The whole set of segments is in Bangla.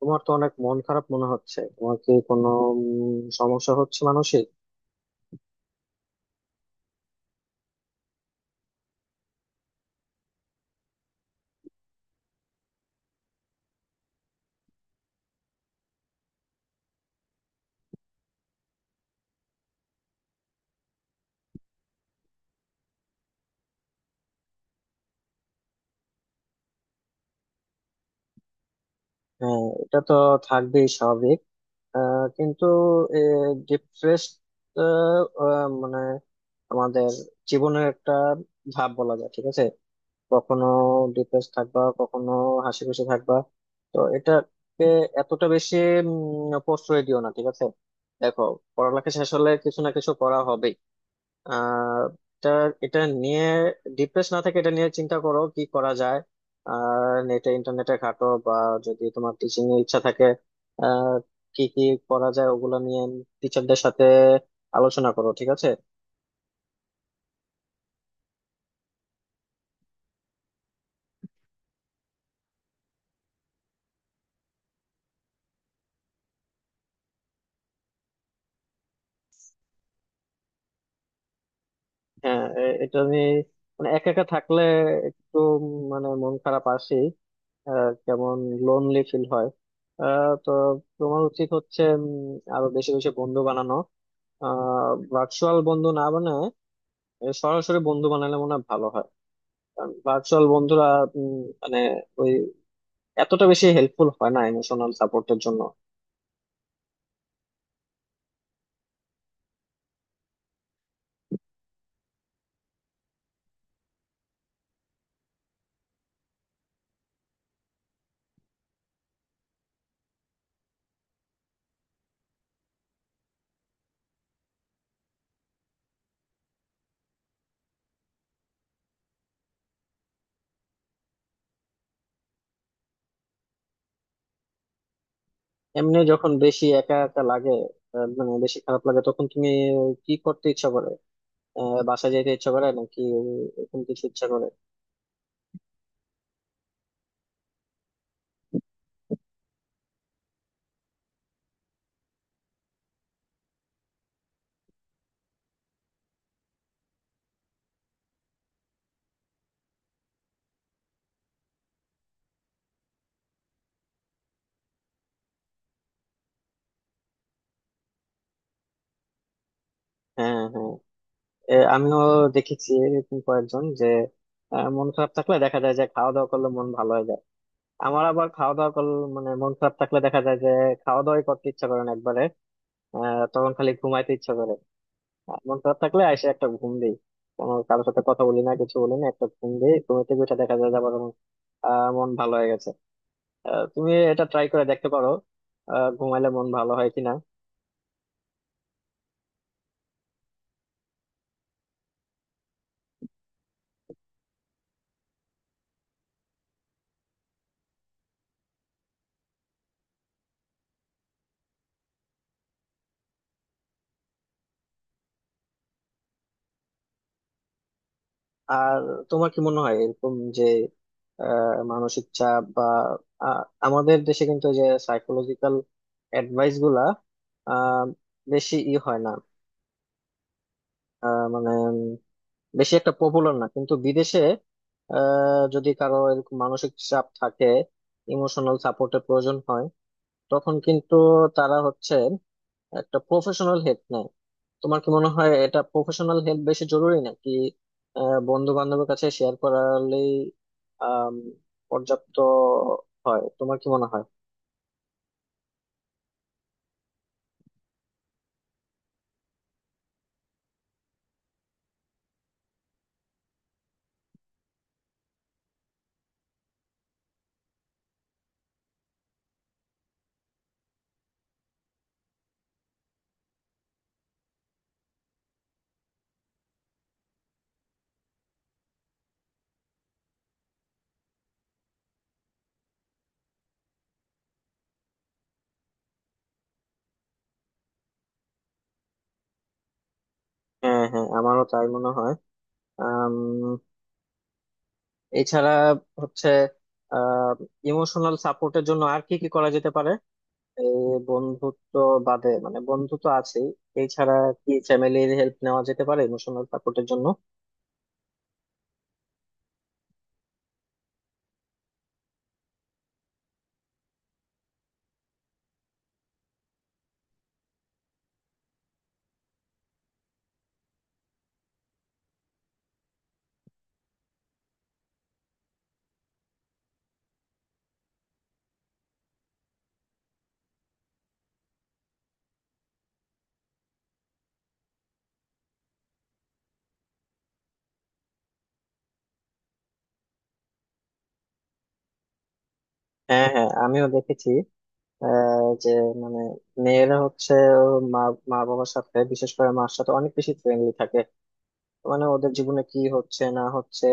তোমার তো অনেক মন খারাপ মনে হচ্ছে। তোমার কি কোনো সমস্যা হচ্ছে মানসিক? হ্যাঁ, এটা তো থাকবেই, স্বাভাবিক। কিন্তু ডিপ্রেস মানে আমাদের জীবনের একটা ধাপ বলা যায়, ঠিক আছে? কখনো ডিপ্রেস থাকবা, কখনো হাসি খুশি থাকবা। তো এটাকে এতটা বেশি প্রশ্রয় দিও না, ঠিক আছে? দেখো, পড়ালেখা শেষ হলে কিছু না কিছু করা হবে। আহ এটা, এটা নিয়ে ডিপ্রেস না থাকে, এটা নিয়ে চিন্তা করো কি করা যায়। আর নেটে ইন্টারনেটে ঘাটো, বা যদি তোমার টিচিং এর ইচ্ছা থাকে, আহ কি কি করা যায় ওগুলো নিয়ে টিচারদের সাথে আলোচনা করো, ঠিক আছে? হ্যাঁ, এটা আমি মানে একা একা থাকলে একটু মানে মন খারাপ আসি। কেমন লোনলি ফিল হয়। তো তোমার উচিত হচ্ছে আরো বেশি বেশি বন্ধু বানানো। ভার্চুয়াল বন্ধু না বানায় এ সরাসরি বন্ধু বানালে মনে হয় ভালো হয়। কারণ ভার্চুয়াল বন্ধুরা উম, মানে ওই এতটা বেশি হেল্পফুল হয় না ইমোশনাল সাপোর্টের জন্য। এমনি যখন বেশি একা একা লাগে, মানে বেশি খারাপ লাগে, তখন তুমি কি করতে ইচ্ছা করে? বাসায় যেতে ইচ্ছা করে, নাকি এরকম কিছু ইচ্ছা করে? হ্যাঁ, হ্যাঁ। আমিও দেখেছি এরকম কয়েকজন যে মন খারাপ থাকলে দেখা যায় যে খাওয়া দাওয়া করলে মন ভালো হয়ে যায়। আমার আবার খাওয়া দাওয়া করলে, মানে মন খারাপ থাকলে দেখা যায় যে খাওয়া দাওয়াই করতে ইচ্ছা করে না একবারে। তখন খালি ঘুমাইতে ইচ্ছা করে। মন খারাপ থাকলে আইসে একটা ঘুম দেই, কোনো কারোর সাথে কথা বলি না, কিছু বলি না, একটা ঘুম দেই। ঘুম থেকে উঠে দেখা যায় যে আবার আমার মন ভালো হয়ে গেছে। তুমি এটা ট্রাই করে দেখতে পারো ঘুমাইলে মন ভালো হয় কিনা। আর তোমার কি মনে হয় এরকম যে আহ, মানসিক চাপ বা আহ, আমাদের দেশে কিন্তু এই যে সাইকোলজিক্যাল অ্যাডভাইস গুলা আহ, বেশি ই হয় না, মানে বেশি একটা পপুলার না, কিন্তু বিদেশে যদি কারো এরকম মানসিক চাপ থাকে, ইমোশনাল সাপোর্টের প্রয়োজন হয়, তখন কিন্তু তারা হচ্ছে একটা প্রফেশনাল হেল্প নেয়। তোমার কি মনে হয় এটা প্রফেশনাল হেল্প বেশি জরুরি, নাকি বন্ধু বান্ধবের কাছে শেয়ার করালেই আম, পর্যাপ্ত হয়? তোমার কি মনে হয়? হ্যাঁ হ্যাঁ, আমারও তাই মনে হয়। আম, এছাড়া হচ্ছে ইমোশনাল সাপোর্টের জন্য আর কি কি করা যেতে পারে? এই বন্ধুত্ব বাদে, মানে বন্ধু তো আছেই, এছাড়া কি ফ্যামিলির হেল্প নেওয়া যেতে পারে ইমোশনাল সাপোর্টের জন্য? হ্যাঁ হ্যাঁ, আমিও দেখেছি যে মানে মেয়েরা হচ্ছে ওর মা মা বাবার সাথে, বিশেষ করে মার সাথে অনেক বেশি ফ্রেন্ডলি থাকে। মানে ওদের জীবনে কি হচ্ছে না হচ্ছে,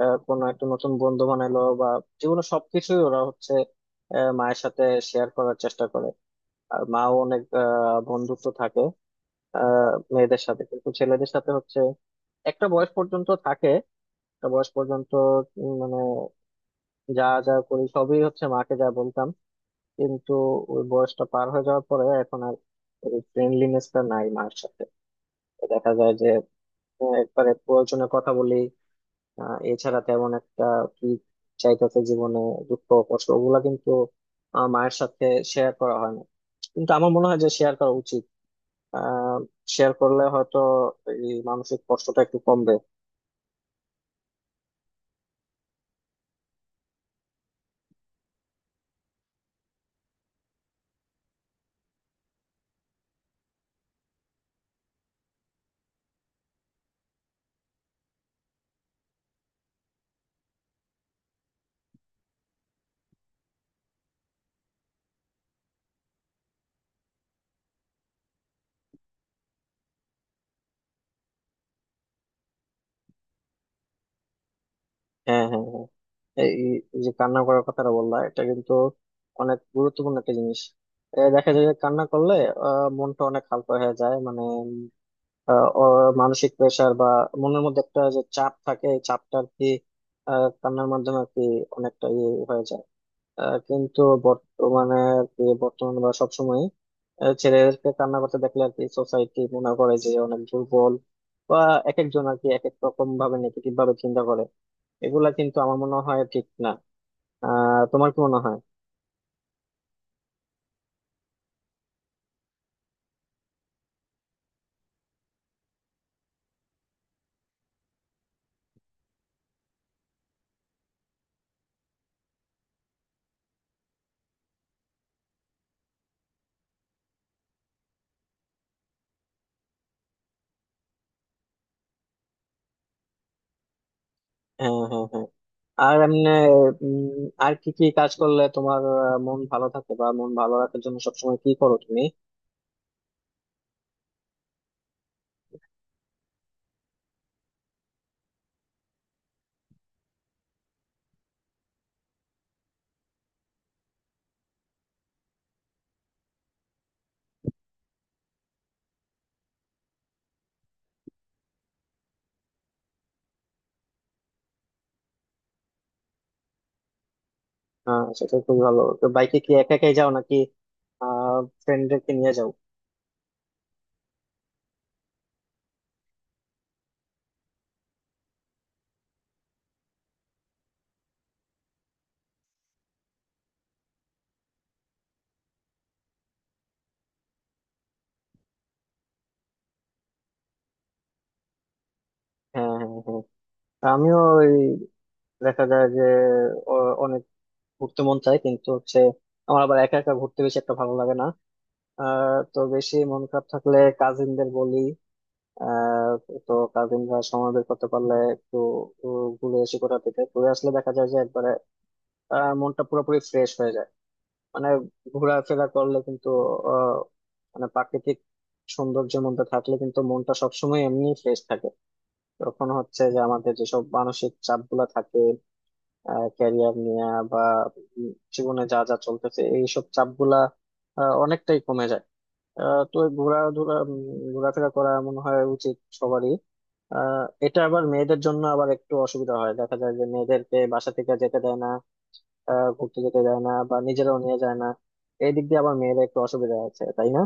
কোনো একটা নতুন বন্ধু বানালো বা জীবনে সবকিছুই ওরা হচ্ছে মায়ের সাথে শেয়ার করার চেষ্টা করে। আর মাও অনেক বন্ধুত্ব থাকে মেয়েদের সাথে। কিন্তু ছেলেদের সাথে হচ্ছে একটা বয়স পর্যন্ত থাকে, একটা বয়স পর্যন্ত মানে যা যা করি সবই হচ্ছে মাকে যা বলতাম। কিন্তু ওই বয়সটা পার হয়ে যাওয়ার পরে এখন আর ওই ফ্রেন্ডলিনেসটা নাই মার সাথে। তো দেখা যায় যে একবারে প্রয়োজনে কথা বলি, এছাড়া তেমন একটা কি চাইতেছে জীবনে, দুঃখ কষ্ট ওগুলা কিন্তু মায়ের সাথে শেয়ার করা হয় না। কিন্তু আমার মনে হয় যে শেয়ার করা উচিত। আহ শেয়ার করলে হয়তো এই মানসিক কষ্টটা একটু কমবে। হ্যাঁ হ্যাঁ হ্যাঁ। এই, এই যে কান্না করার কথাটা বললা, এটা কিন্তু অনেক গুরুত্বপূর্ণ একটা জিনিস। এ দেখা যায় যে কান্না করলে মনটা অনেক হালকা হয়ে যায়। মানে মানসিক প্রেশার বা মনের মধ্যে একটা যে চাপ থাকে, এই চাপটা আর কি কান্নার মাধ্যমে আর কি অনেকটা ইয়ে হয়ে যায়। কিন্তু বর্তমানে আর কি বর্তমানে বা সবসময় ছেলেদেরকে কান্না করতে দেখলে আর কি সোসাইটি মনে করে যে অনেক দুর্বল, বা এক একজন আর কি এক এক রকম ভাবে নেগেটিভ ভাবে চিন্তা করে। এগুলা কিন্তু আমার মনে হয় ঠিক না। তোমার কি মনে হয়? হ্যাঁ হ্যাঁ হ্যাঁ। আর এমনি উম, আর কি কি কাজ করলে তোমার মন ভালো থাকে, বা মন ভালো রাখার জন্য সবসময় কি করো তুমি? সেটা খুবই ভালো। তো বাইকে কি একা একাই যাও, নাকি আহ ফ্রেন্ডদেরকে নিয়ে যাও? হ্যাঁ হ্যাঁ হ্যাঁ। আমিও দেখা যায় যে অনেক ঘুরতে মন চায়, কিন্তু হচ্ছে আমার আবার একা একা ঘুরতে বেশি একটা ভালো লাগে না। তো বেশি মন খারাপ থাকলে কাজিনদের বলি। আহ তো কাজিনরা সময় বের করতে পারলে একটু উ, ঘুরে আসি কোথা থেকে। ঘুরে আসলে দেখা যায় যে একবারে মনটা পুরোপুরি ফ্রেশ হয়ে যায়। মানে ঘোরাফেরা করলে কিন্তু আহ মানে প্রাকৃতিক সৌন্দর্যের মধ্যে থাকলে কিন্তু মনটা সবসময় এমনি ফ্রেশ থাকে। তখন হচ্ছে যে আমাদের যেসব মানসিক চাপ গুলা থাকে ক্যারিয়ার নিয়ে বা উম জীবনে যা যা চলতেছে এইসব চাপ গুলা অনেকটাই কমে যায়। তো এই ঘোরাফেরা করা মনে হয় উচিত সবারই। এটা আবার মেয়েদের জন্য আবার একটু অসুবিধা হয়, দেখা যায় যে মেয়েদেরকে বাসা থেকে যেতে দেয় না, ঘুরতে যেতে দেয় না বা নিজেরাও নিয়ে যায় না। এই দিক দিয়ে আবার মেয়েদের একটু অসুবিধা আছে, তাই না?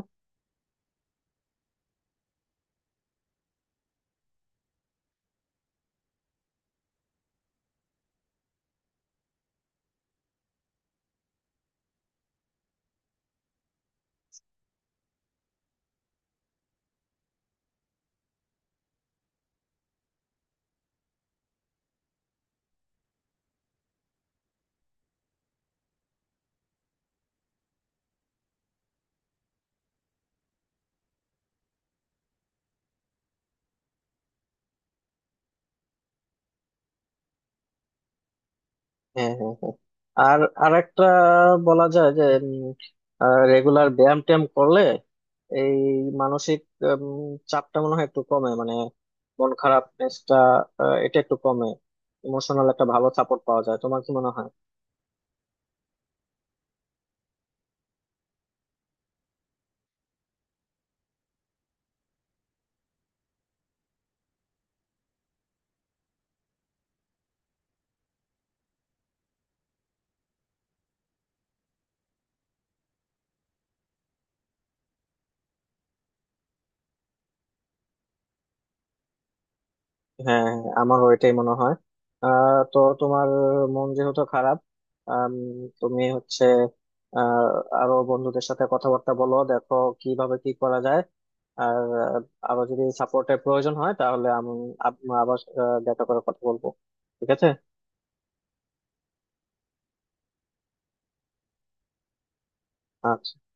হ্যাঁ হ্যাঁ হ্যাঁ। আর আরেকটা বলা যায় যে রেগুলার ব্যায়াম ট্যায়াম করলে এই মানসিক উম, চাপটা মনে হয় একটু কমে। মানে মন খারাপনেসটা এটা একটু কমে, ইমোশনাল একটা ভালো সাপোর্ট পাওয়া যায়। তোমার কি মনে হয়? হ্যাঁ হ্যাঁ, আমারও এটাই মনে হয়। তো তোমার মন যেহেতু খারাপ, আম, তুমি হচ্ছে আহ আরো বন্ধুদের সাথে কথাবার্তা বলো, দেখো কিভাবে কি করা যায়। আর আরো যদি সাপোর্টের প্রয়োজন হয় তাহলে আমি আবার দেখা করে কথা বলবো, ঠিক আছে? আচ্ছা।